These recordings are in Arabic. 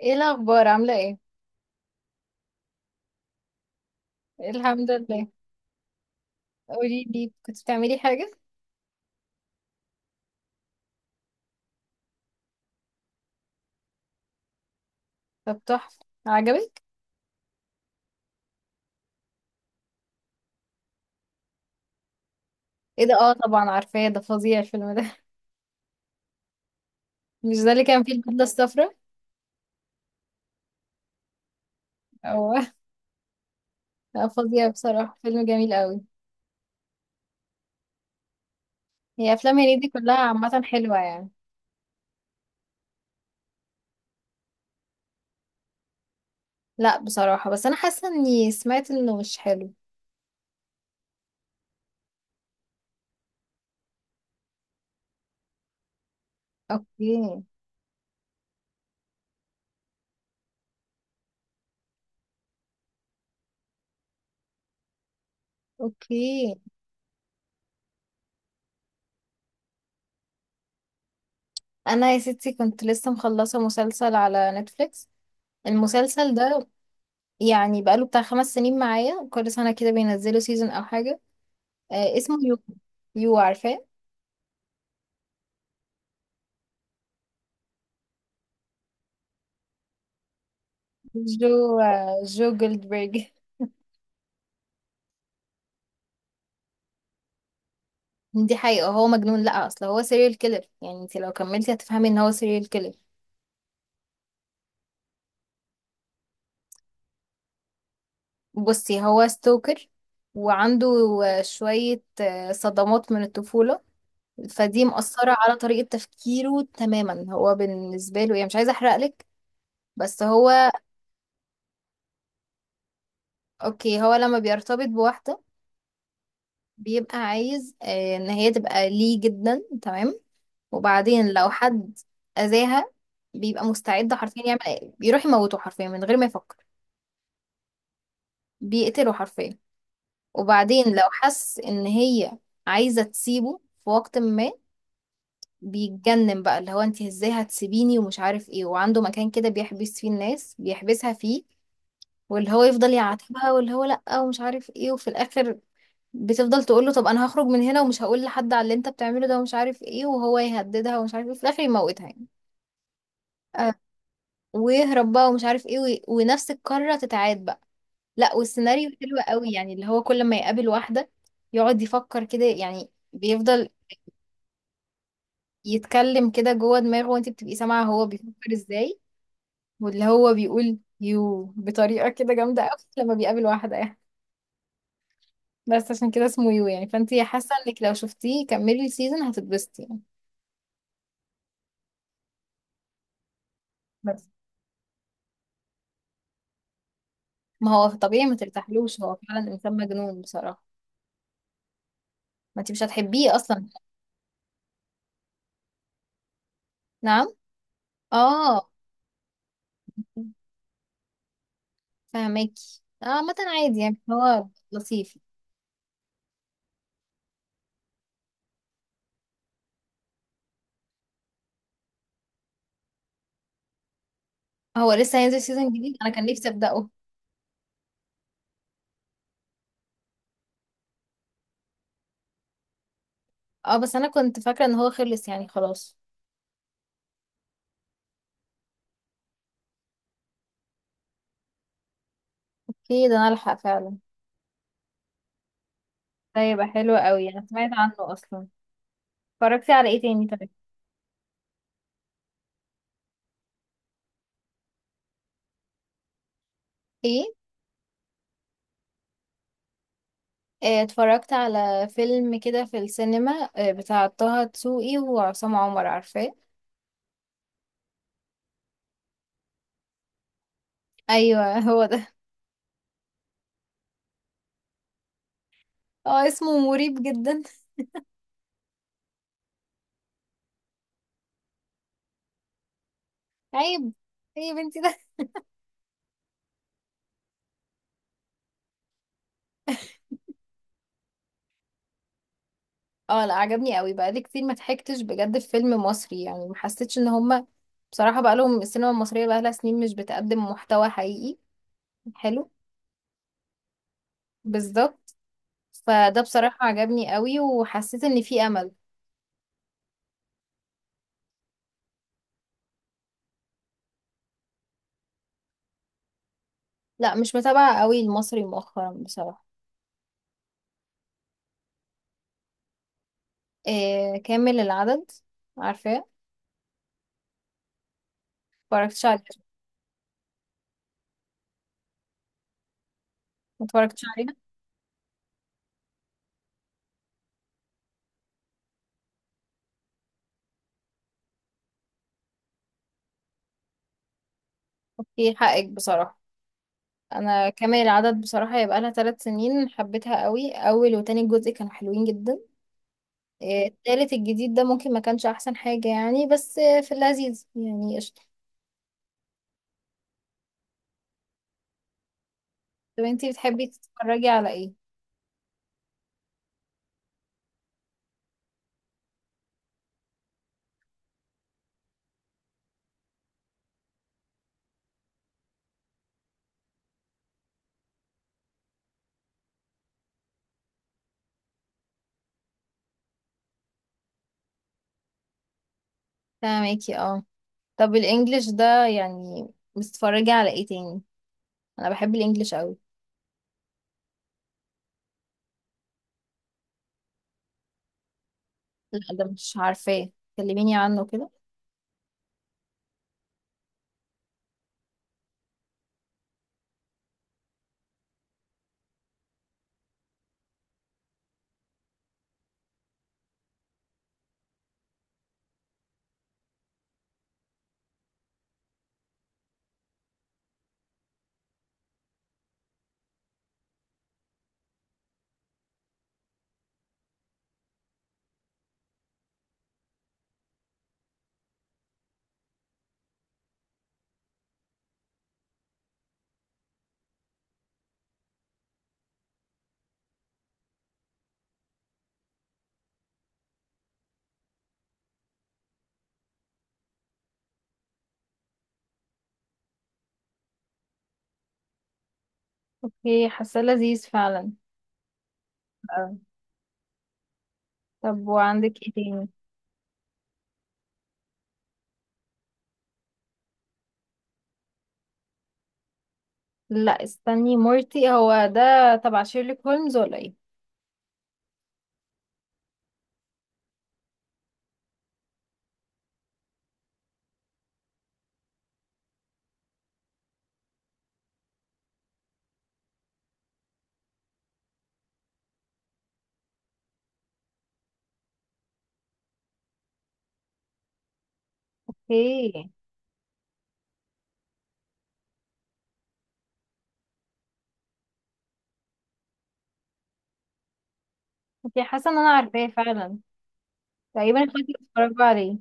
ايه الاخبار؟ عامله ايه؟ الحمد لله. قولي لي، كنت بتعملي حاجه؟ طب تحفه؟ عجبك؟ ايه ده؟ اه، طبعا عارفاه ده، فظيع الفيلم ده. مش ده اللي كان فيه البدله الصفراء؟ او. لا، فظيع بصراحه، فيلم جميل قوي. هي افلام هنيدي كلها عامه حلوه يعني. لا بصراحه، بس انا حاسه اني سمعت انه مش حلو. اوكي. اوكي. انا يا ستي كنت لسه مخلصه مسلسل على نتفليكس، المسلسل ده. يعني بقاله بتاع 5 سنين معايا، كل سنه كده بينزلوا سيزون او حاجه. آه، اسمه يو. يو، عارفاه؟ جو جولدبرج. دي حقيقة، هو مجنون. لا، اصل هو سيريال كيلر، يعني انت لو كملتي هتفهمي ان هو سيريال كيلر. بصي، هو ستوكر، وعنده شوية صدمات من الطفولة. فدي مأثرة على طريقة تفكيره تماما. هو بالنسبة له، يعني مش عايزة احرقلك، بس هو. اوكي، هو لما بيرتبط بواحدة، بيبقى عايز ان هي تبقى ليه جدا، تمام؟ وبعدين لو حد أذاها، بيبقى مستعد حرفيا يعمل ايه؟ بيروح يموته حرفيا من غير ما يفكر. بيقتله حرفيا. وبعدين لو حس ان هي عايزة تسيبه في وقت ما، بيتجنن بقى، اللي هو انت ازاي هتسيبيني ومش عارف ايه، وعنده مكان كده بيحبس فيه الناس بيحبسها فيه، واللي هو يفضل يعاتبها، واللي هو لأ ومش عارف ايه، وفي الآخر بتفضل تقول له طب انا هخرج من هنا ومش هقول لحد على اللي انت بتعمله ده ومش عارف ايه، وهو يهددها ومش عارف ايه، في الآخر يموتها يعني. آه، ويهرب بقى ومش عارف ايه ونفس القارة تتعاد بقى. لا، والسيناريو حلو قوي، يعني اللي هو كل ما يقابل واحدة يقعد يفكر كده، يعني بيفضل يتكلم كده جوه دماغه، وانت بتبقي سامعة هو بيفكر ازاي. واللي هو بيقول يو بطريقة كده جامدة قوي لما بيقابل واحدة يعني. بس عشان كده اسمه يو، يعني فانت حاسة انك لو شفتيه كملي السيزون هتتبسطي يعني. بس ما هو طبيعي ما ترتاحلوش، هو فعلا انسان مجنون بصراحة. ما انت مش هتحبيه اصلا. نعم. اه، فاهماكي. اه، عامة عادي يعني، هو لطيف. هو لسه هينزل سيزون جديد؟ انا كان نفسي ابدأه. اه، بس انا كنت فاكرة ان هو خلص يعني خلاص. اوكي، ده انا الحق فعلا. ده يبقى حلو قوي، انا سمعت عنه اصلا. اتفرجتي على ايه تاني طيب؟ ايه؟ اتفرجت على فيلم كده في السينما، بتاع طه دسوقي وعصام عمر، عارفاه؟ ايوه، هو ده. اه، اسمه مريب جدا. عيب. ايه يا بنتي ده؟ اه لا، عجبني قوي، بقالي كتير ما ضحكتش بجد في فيلم مصري يعني، ما حسيتش ان هما. بصراحة بقى لهم السينما المصرية بقى لها سنين مش بتقدم محتوى حقيقي. حلو. بالظبط. فده بصراحة عجبني قوي، وحسيت ان في امل. لا، مش متابعة قوي المصري مؤخرا بصراحة. إيه، كامل العدد، عارفاه؟ ما اتفرجتش عليه. ما اتفرجتش عليه. اوكي، حقك بصراحة. انا كامل العدد بصراحة يبقى لها 3 سنين، حبيتها قوي. اول وتاني جزء كانوا حلوين جدا. إيه، التالت الجديد ده ممكن ما كانش احسن حاجة يعني، بس في اللذيذ يعني، قشطة. طب انتي بتحبي تتفرجي على ايه؟ فاهمكي، اه. طب الانجليش ده يعني، بتتفرجي على ايه تاني؟ انا بحب الانجليش قوي. لا، ده مش عارفاه. كلميني عنه كده. اوكي، حاساه لذيذ فعلا. آه. طب وعندك ايه تاني؟ لا استني، مورتي هو ده تبع شيرلوك هولمز ولا ايه؟ اوكي. اوكي، حاسه ان انا عارفاه فعلا. تقريبا اخواتي بيتفرجوا عليه.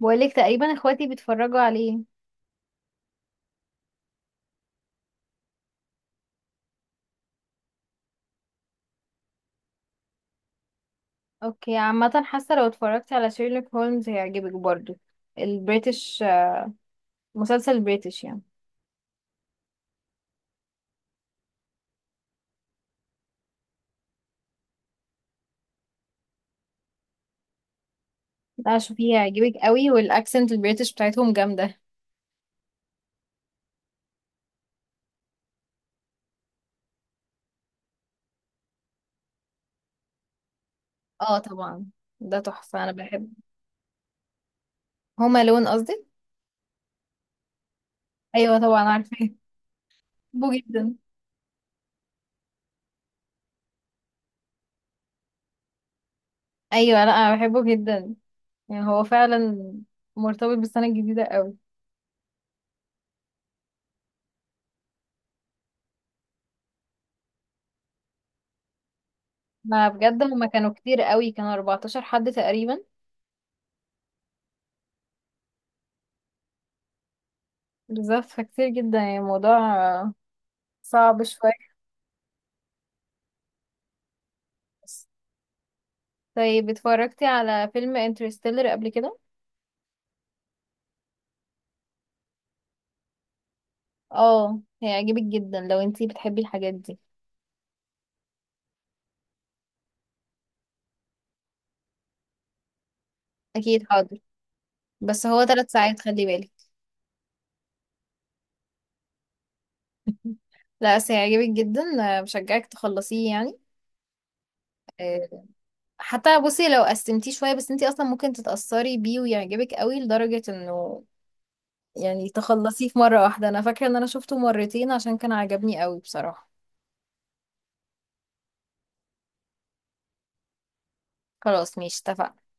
بقولك تقريبا اخواتي بيتفرجوا عليه. اوكي، عامة حاسة لو اتفرجتي على شيرلوك هولمز هيعجبك برضو. البريتش، مسلسل بريتش يعني. ده شوفيه هيعجبك قوي، والاكسنت البريتش بتاعتهم جامدة. اه طبعا. ده تحفة، انا بحب. هما لون، قصدي. ايوه طبعا عارفة. بحبه جدا. ايوه لا، انا بحبه جدا. يعني هو فعلا مرتبط بالسنة الجديدة قوي. ما بجد، هما كانوا كتير قوي، كانوا 14 حد تقريبا. بالظبط. فكتير جدا يعني الموضوع صعب شوية. طيب، اتفرجتي على فيلم انترستيلر قبل كده؟ اه، هيعجبك جدا لو انتي بتحبي الحاجات دي. اكيد حاضر. بس هو 3 ساعات، خلي بالك. لا، بس هيعجبك جدا. بشجعك تخلصيه يعني. آه، حتى بصي لو قسمتيه شوية، بس انتي اصلا ممكن تتأثري بيه ويعجبك قوي لدرجة انه يعني تخلصيه في مرة واحدة. انا فاكرة ان انا شفته مرتين عشان كان عجبني قوي بصراحة. خلاص، ماشي، اتفقنا.